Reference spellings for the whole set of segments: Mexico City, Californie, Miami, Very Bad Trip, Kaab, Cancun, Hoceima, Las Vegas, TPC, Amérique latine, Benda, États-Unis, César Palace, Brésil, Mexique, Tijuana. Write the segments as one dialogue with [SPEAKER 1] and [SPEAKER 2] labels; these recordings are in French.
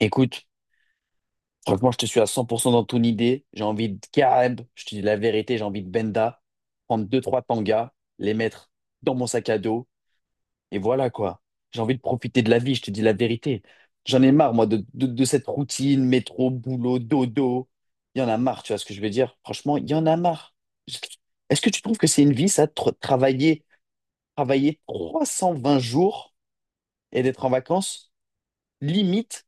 [SPEAKER 1] Écoute, franchement, je te suis à 100% dans ton idée. J'ai envie de Kaab, je te dis la vérité, j'ai envie de Benda, prendre deux, trois tangas, les mettre dans mon sac à dos, et voilà quoi. J'ai envie de profiter de la vie, je te dis la vérité. J'en ai marre, moi, de cette routine, métro, boulot, dodo. Il y en a marre, tu vois ce que je veux dire? Franchement, il y en a marre. Est-ce que tu trouves que c'est une vie, ça, de travailler, travailler 320 jours et d'être en vacances, limite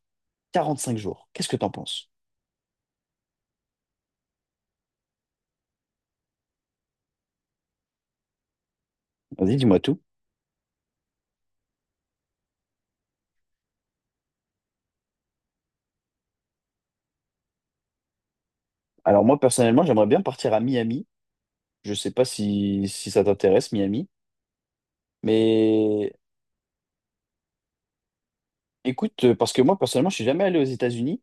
[SPEAKER 1] 45 jours? Qu'est-ce que t'en penses? Vas-y, dis-moi tout. Alors moi personnellement, j'aimerais bien partir à Miami. Je sais pas si, si ça t'intéresse, Miami. Mais écoute, parce que moi personnellement, je suis jamais allé aux États-Unis.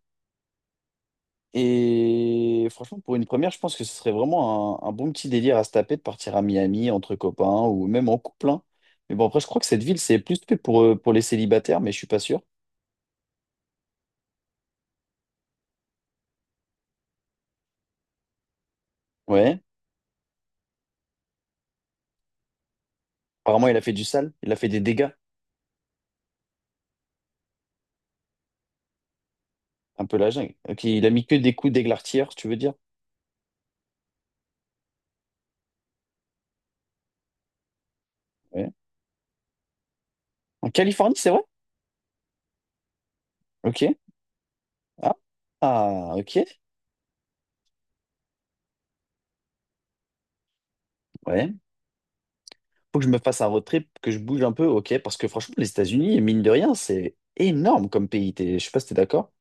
[SPEAKER 1] Et franchement, pour une première, je pense que ce serait vraiment un bon petit délire à se taper de partir à Miami entre copains ou même en couple, hein. Mais bon, après, je crois que cette ville, c'est plus fait pour les célibataires, mais je suis pas sûr. Ouais. Apparemment, il a fait du sale, il a fait des dégâts. Un peu la jungle. Ok, il a mis que des coups d'églartière, tu veux dire? Ouais. En Californie, c'est vrai? Ok. Ah, ah, ok. Ouais. Faut que je me fasse un road trip, que je bouge un peu, ok, parce que franchement, les États-Unis, mine de rien, c'est énorme comme pays. Je sais pas si t'es d'accord.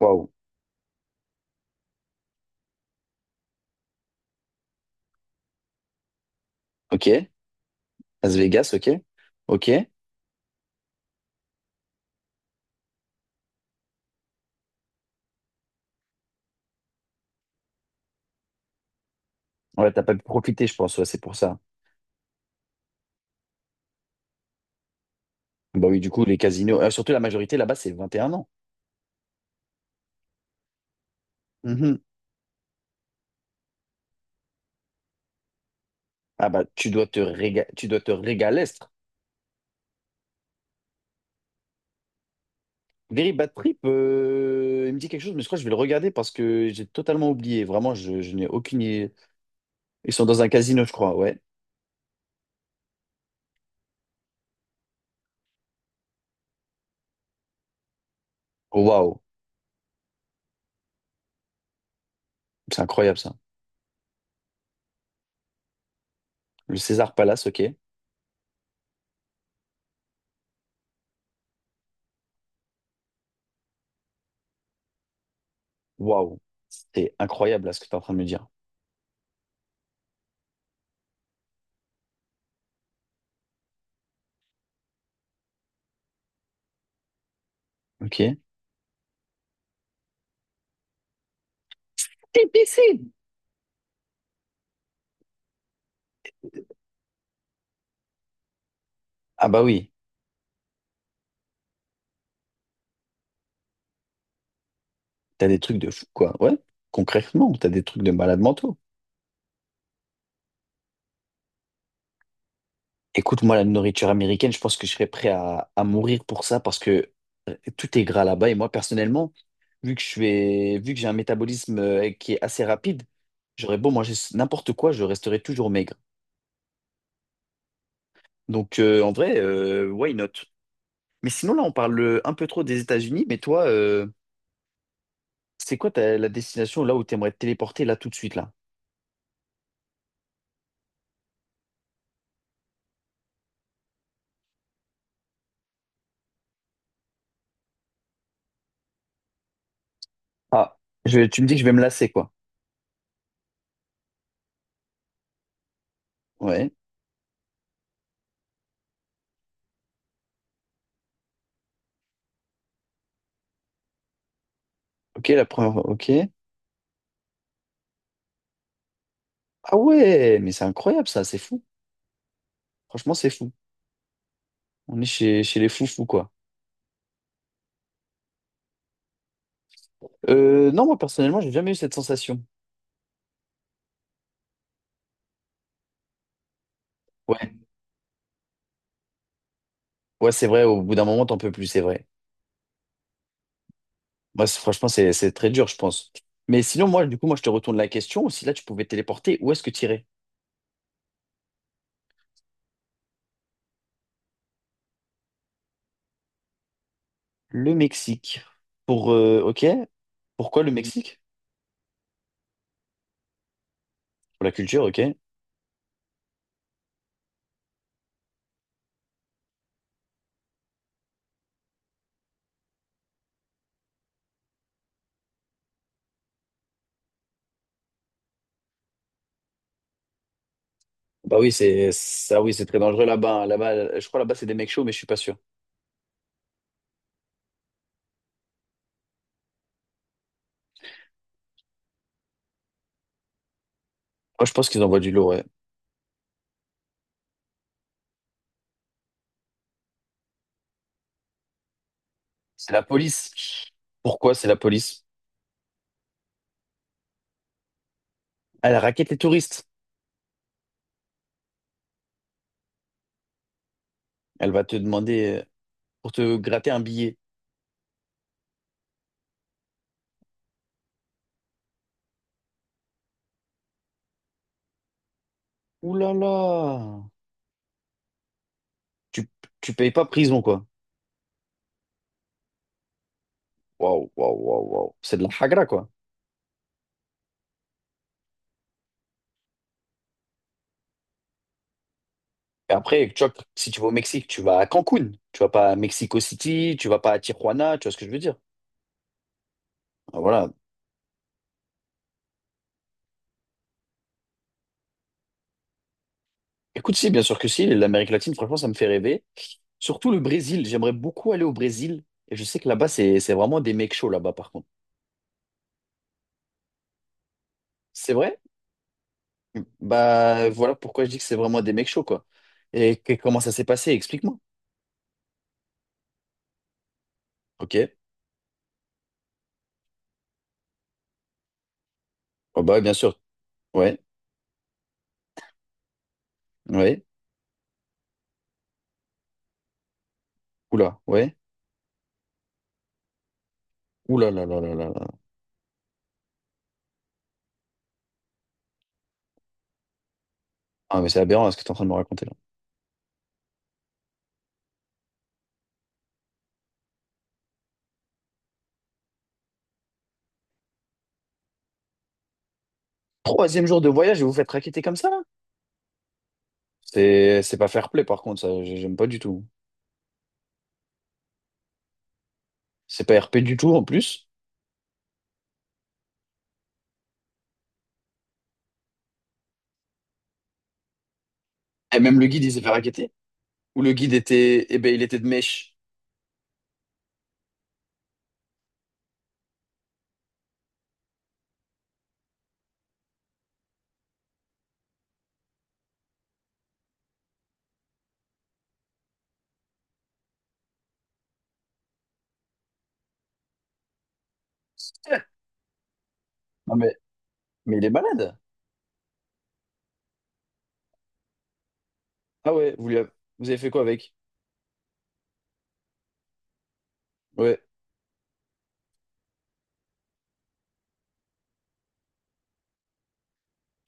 [SPEAKER 1] Waouh, ok. Las Vegas, ok. Ok. Ouais, t'as pas pu profiter, je pense, ouais, c'est pour ça. Bah oui, du coup, les casinos, surtout la majorité là-bas, c'est 21 ans. Mhm. Ah bah, tu dois te régaler. Very Bad Trip, il me dit quelque chose, mais je crois que je vais le regarder parce que j'ai totalement oublié. Vraiment, je n'ai aucune idée. Ils sont dans un casino, je crois, ouais. Waouh, c'est incroyable ça. Le César Palace, ok. Waouh, c'est incroyable là ce que tu es en train de me dire. Ok. TPC. Ah bah oui, t'as des trucs de fou, quoi. Ouais, concrètement, t'as des trucs de malade mentaux. Écoute, moi, la nourriture américaine, je pense que je serais prêt à mourir pour ça parce que tout est gras là-bas. Et moi, personnellement, vu que j'ai un métabolisme qui est assez rapide, j'aurais beau manger n'importe quoi, je resterais toujours maigre. Donc, en vrai, why not? Mais sinon, là, on parle un peu trop des États-Unis. Mais toi, c'est quoi la destination là où tu aimerais te téléporter là tout de suite là? Ah, tu me dis que je vais me lasser, quoi. Ouais. Ok, la première. Ok. Ah ouais, mais c'est incroyable ça, c'est fou. Franchement, c'est fou. On est chez les fous-fous, quoi. Non, moi, personnellement, j'ai jamais eu cette sensation. Ouais, ouais, c'est vrai, au bout d'un moment, t'en peux plus, c'est vrai. Moi, franchement, c'est très dur, je pense. Mais sinon, moi, du coup, moi, je te retourne la question. Si là, tu pouvais te téléporter, où est-ce que tu irais? Le Mexique. Pour, ok. Pourquoi le Mexique? Pour la culture, ok. Bah oui, c'est ça, oui, c'est très dangereux là-bas, hein. Là-bas, je crois là-bas, c'est des mecs chauds, mais je suis pas sûr. Moi, je pense qu'ils envoient du lourd, ouais. C'est la police. Pourquoi c'est la police? Elle raquette les touristes. Elle va te demander pour te gratter un billet. Ouh là là! Tu, tu payes pas prison, quoi. Waouh, waouh, waouh, waouh. C'est de la hagra, quoi. Et après, tu vois, si tu vas au Mexique, tu vas à Cancun. Tu vas pas à Mexico City, tu vas pas à Tijuana, tu vois ce que je veux dire? Ah, voilà. Écoute, si, bien sûr que si. L'Amérique latine, franchement, ça me fait rêver. Surtout le Brésil. J'aimerais beaucoup aller au Brésil. Et je sais que là-bas, c'est vraiment des mecs chauds, là-bas, par contre. C'est vrai? Bah voilà pourquoi je dis que c'est vraiment des mecs chauds, quoi. Comment ça s'est passé? Explique-moi. Ok. Oh bah bien sûr. Ouais. Ouais. Oula. Ouais. Oula là là là là là. Ah mais c'est aberrant ce que tu es en train de me raconter là. Troisième jour de voyage et vous faites raqueter comme ça là? C'est pas fair play par contre, ça j'aime pas du tout. C'est pas RP du tout en plus. Et même le guide il s'est fait raqueter. Ou le guide était. Eh ben il était de mèche. Non mais, mais il est malade. Ah ouais, vous avez fait quoi avec? Ouais.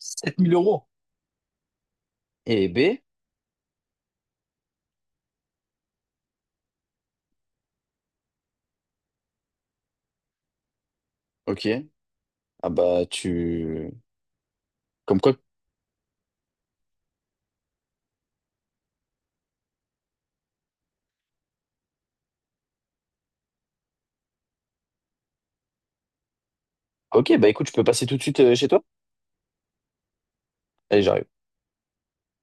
[SPEAKER 1] Sept mille euros. Eh B, ok. Ah bah tu... Comme quoi... Ok, bah écoute, je peux passer tout de suite chez toi? Allez, j'arrive.